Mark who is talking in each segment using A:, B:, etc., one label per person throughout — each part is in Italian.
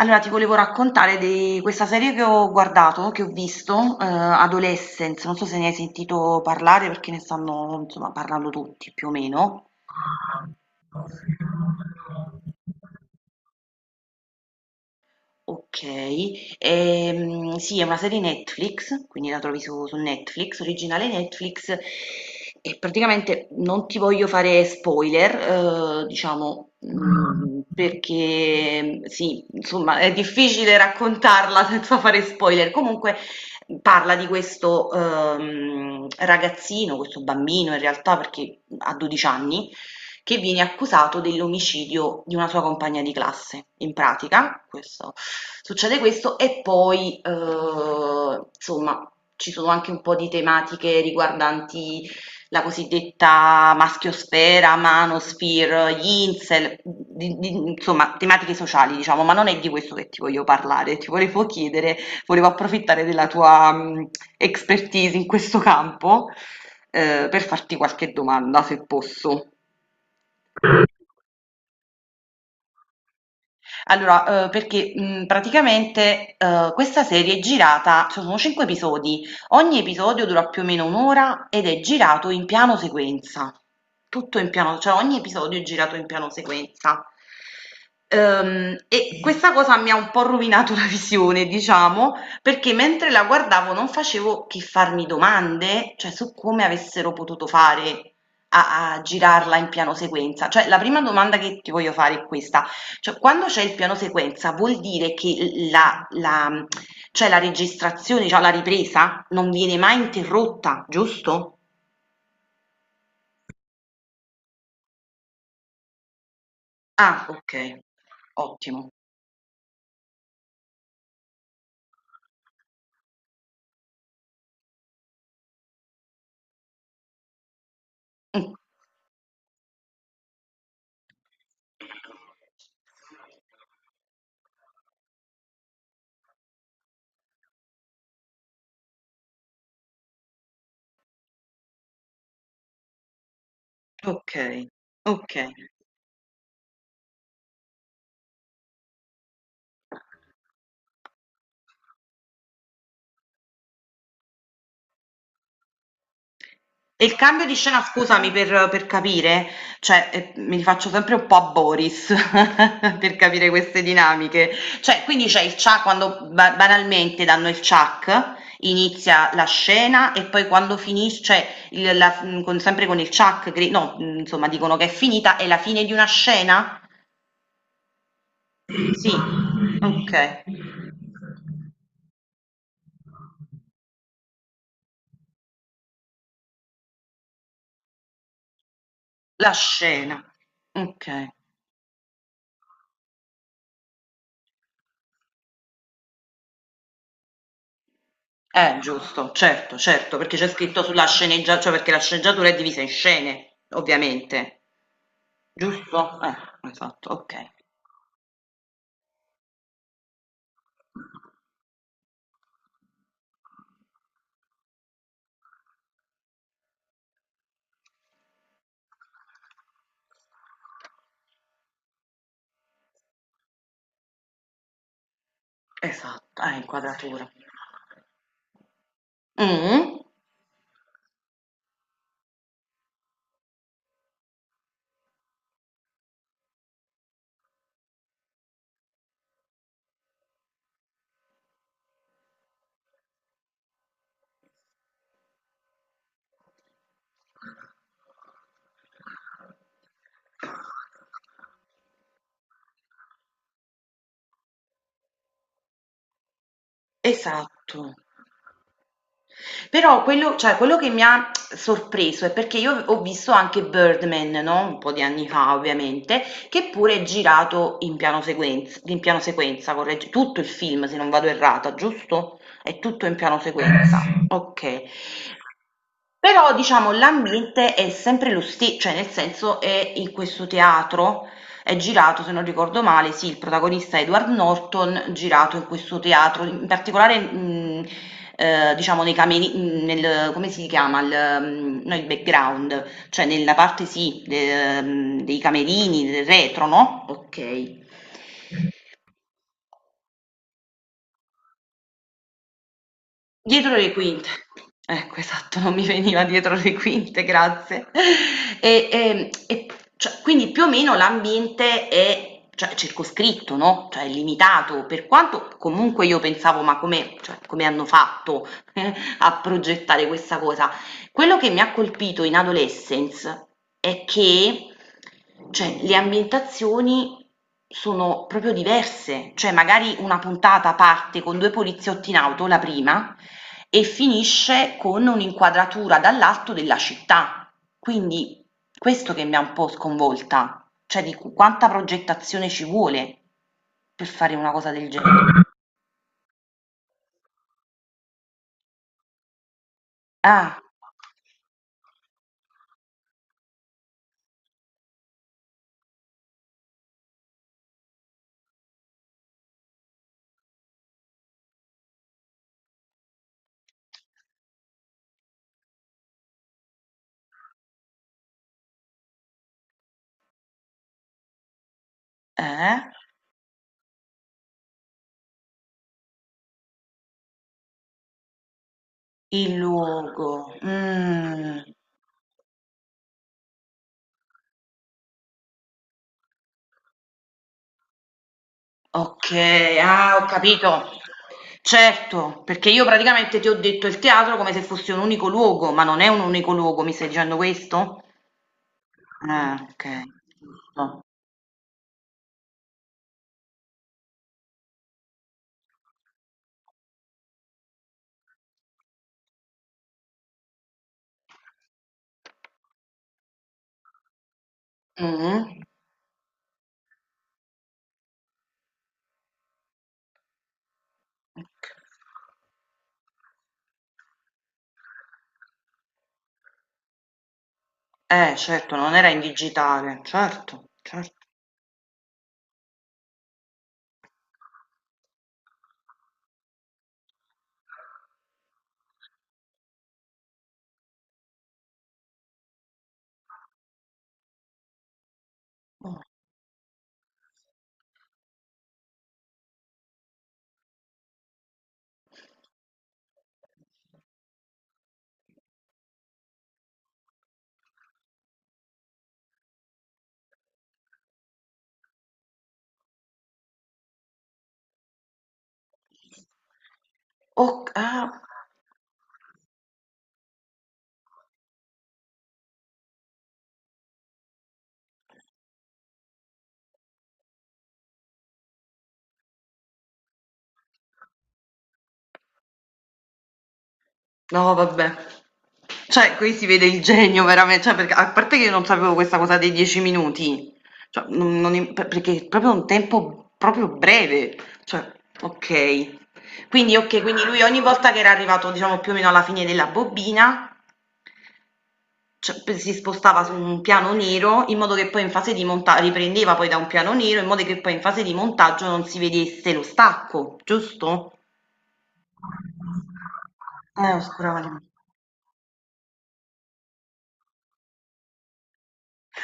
A: Allora, ti volevo raccontare di questa serie che ho guardato, che ho visto, Adolescence, non so se ne hai sentito parlare perché ne stanno, insomma, parlando tutti più o meno. Okay. Sì, è una serie Netflix, quindi la trovi su Netflix, originale Netflix, e praticamente non ti voglio fare spoiler, diciamo, perché sì, insomma, è difficile raccontarla senza fare spoiler. Comunque, parla di questo, ragazzino, questo bambino in realtà perché ha 12 anni, che viene accusato dell'omicidio di una sua compagna di classe. In pratica, succede questo e poi, insomma, ci sono anche un po' di tematiche riguardanti la cosiddetta maschiosfera, manosphere, gli incel, insomma, tematiche sociali, diciamo, ma non è di questo che ti voglio parlare, ti volevo chiedere, volevo approfittare della tua expertise in questo campo, per farti qualche domanda, se posso. Allora, perché, praticamente, questa serie è girata so sono 5 episodi, ogni episodio dura più o meno 1 ora ed è girato in piano sequenza. Tutto in piano cioè ogni episodio è girato in piano sequenza. E questa cosa mi ha un po' rovinato la visione, diciamo, perché mentre la guardavo non facevo che farmi domande, cioè su come avessero potuto fare a girarla in piano sequenza. Cioè la prima domanda che ti voglio fare è questa: cioè, quando c'è il piano sequenza vuol dire che cioè la registrazione, cioè la ripresa, non viene mai interrotta, giusto? Ah, ok, ottimo. Mm. Ok, ok. E il cambio di scena, scusami, per capire, cioè, mi rifaccio sempre un po' a Boris per capire queste dinamiche. Cioè, quindi c'è il cia quando ba banalmente danno il ciak, inizia la scena e poi quando finis cioè con sempre con il ciak gri no, insomma dicono che è finita, è la fine di una scena? Sì, okay. La scena. Okay. Giusto, certo, certo, perché c'è scritto sulla sceneggia cioè perché la sceneggiatura è divisa in scene, ovviamente, giusto? Esatto, ok, esatto, ah, inquadratura. Mh, esatto. Però quello, cioè, quello che mi ha sorpreso è perché io ho visto anche Birdman, no? Un po' di anni fa, ovviamente, che pure è girato in piano sequenza, corregge, tutto il film, se non vado errata, giusto? È tutto in piano sequenza. Ok. Però diciamo l'ambiente è sempre lo stesso, cioè nel senso è in questo teatro, è girato, se non ricordo male, sì, il protagonista è Edward Norton, girato in questo teatro, in particolare diciamo nei cameri, nel, come si chiama, il, no, il background, cioè nella parte sì, dei camerini, del retro, no? Ok. Dietro le quinte. Ecco, esatto, non mi veniva dietro le quinte, grazie. E cioè, quindi più o meno l'ambiente è, cioè, circoscritto, no? Cioè, è limitato, per quanto comunque io pensavo, ma come, cioè, come hanno fatto a progettare questa cosa? Quello che mi ha colpito in Adolescence è che, cioè, le ambientazioni sono proprio diverse, cioè magari una puntata parte con due poliziotti in auto, la prima, e finisce con un'inquadratura dall'alto della città. Quindi questo che mi ha un po' sconvolta, cioè quanta progettazione ci vuole per fare una cosa del genere. Ah, eh? Il luogo. Mm. Okay, ah ho capito. Certo, perché io praticamente ti ho detto il teatro come se fosse un unico luogo, ma non è un unico luogo, mi stai dicendo questo? Ah, okay, giusto. Mh-mh. Oka Eh certo, non era in digitale, certo, certo. Oh, oc ah. No vabbè. Cioè, qui si vede il genio veramente, cioè perché a parte che io non sapevo questa cosa dei 10 minuti, cioè, perché è proprio un tempo proprio breve, cioè, ok. Quindi, ok, quindi lui ogni volta che era arrivato, diciamo, più o meno alla fine della bobina, cioè, si spostava su un piano nero in modo che poi in fase di montaggio, riprendeva poi da un piano nero in modo che poi in fase di montaggio non si vedesse lo stacco, giusto? Oscurava.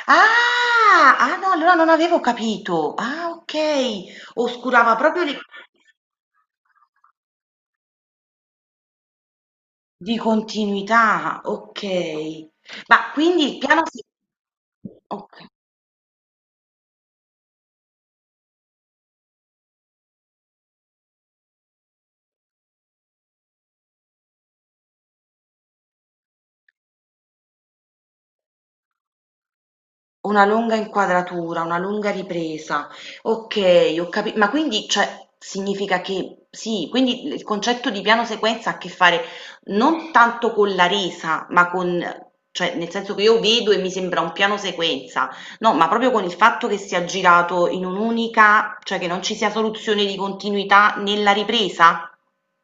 A: Ah! Ah no, allora non avevo capito. Ah okay, oscurava proprio di continuità, okay. Ma quindi il piano si oka una lunga inquadratura, una lunga ripresa. Okay, ho capi ma quindi cioè, significa che sì, quindi il concetto di piano sequenza ha a che fare non tanto con la resa, ma con, cioè, nel senso che io vedo e mi sembra un piano sequenza, no, ma proprio con il fatto che sia girato in un'unica, cioè, che non ci sia soluzione di continuità nella ripresa?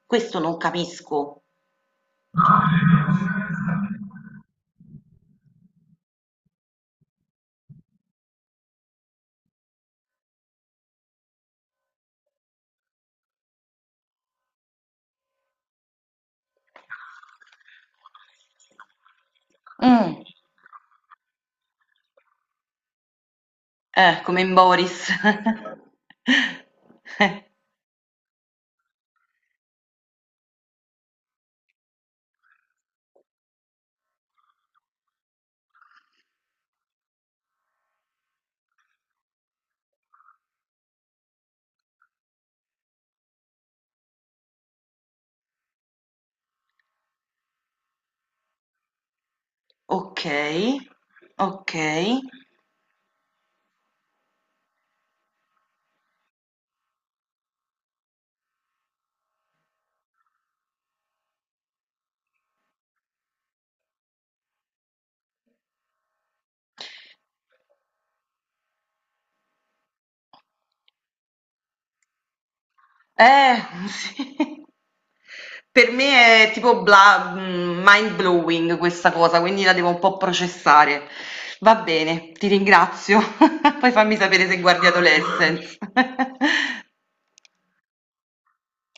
A: Questo non capisco. Mh. Come in Boris. Okay, okay. Eh, sì. Per me è tipo bla mind blowing questa cosa, quindi la devo un po' processare. Va bene, ti ringrazio. Poi fammi sapere se guardi Figurati. Adolescence.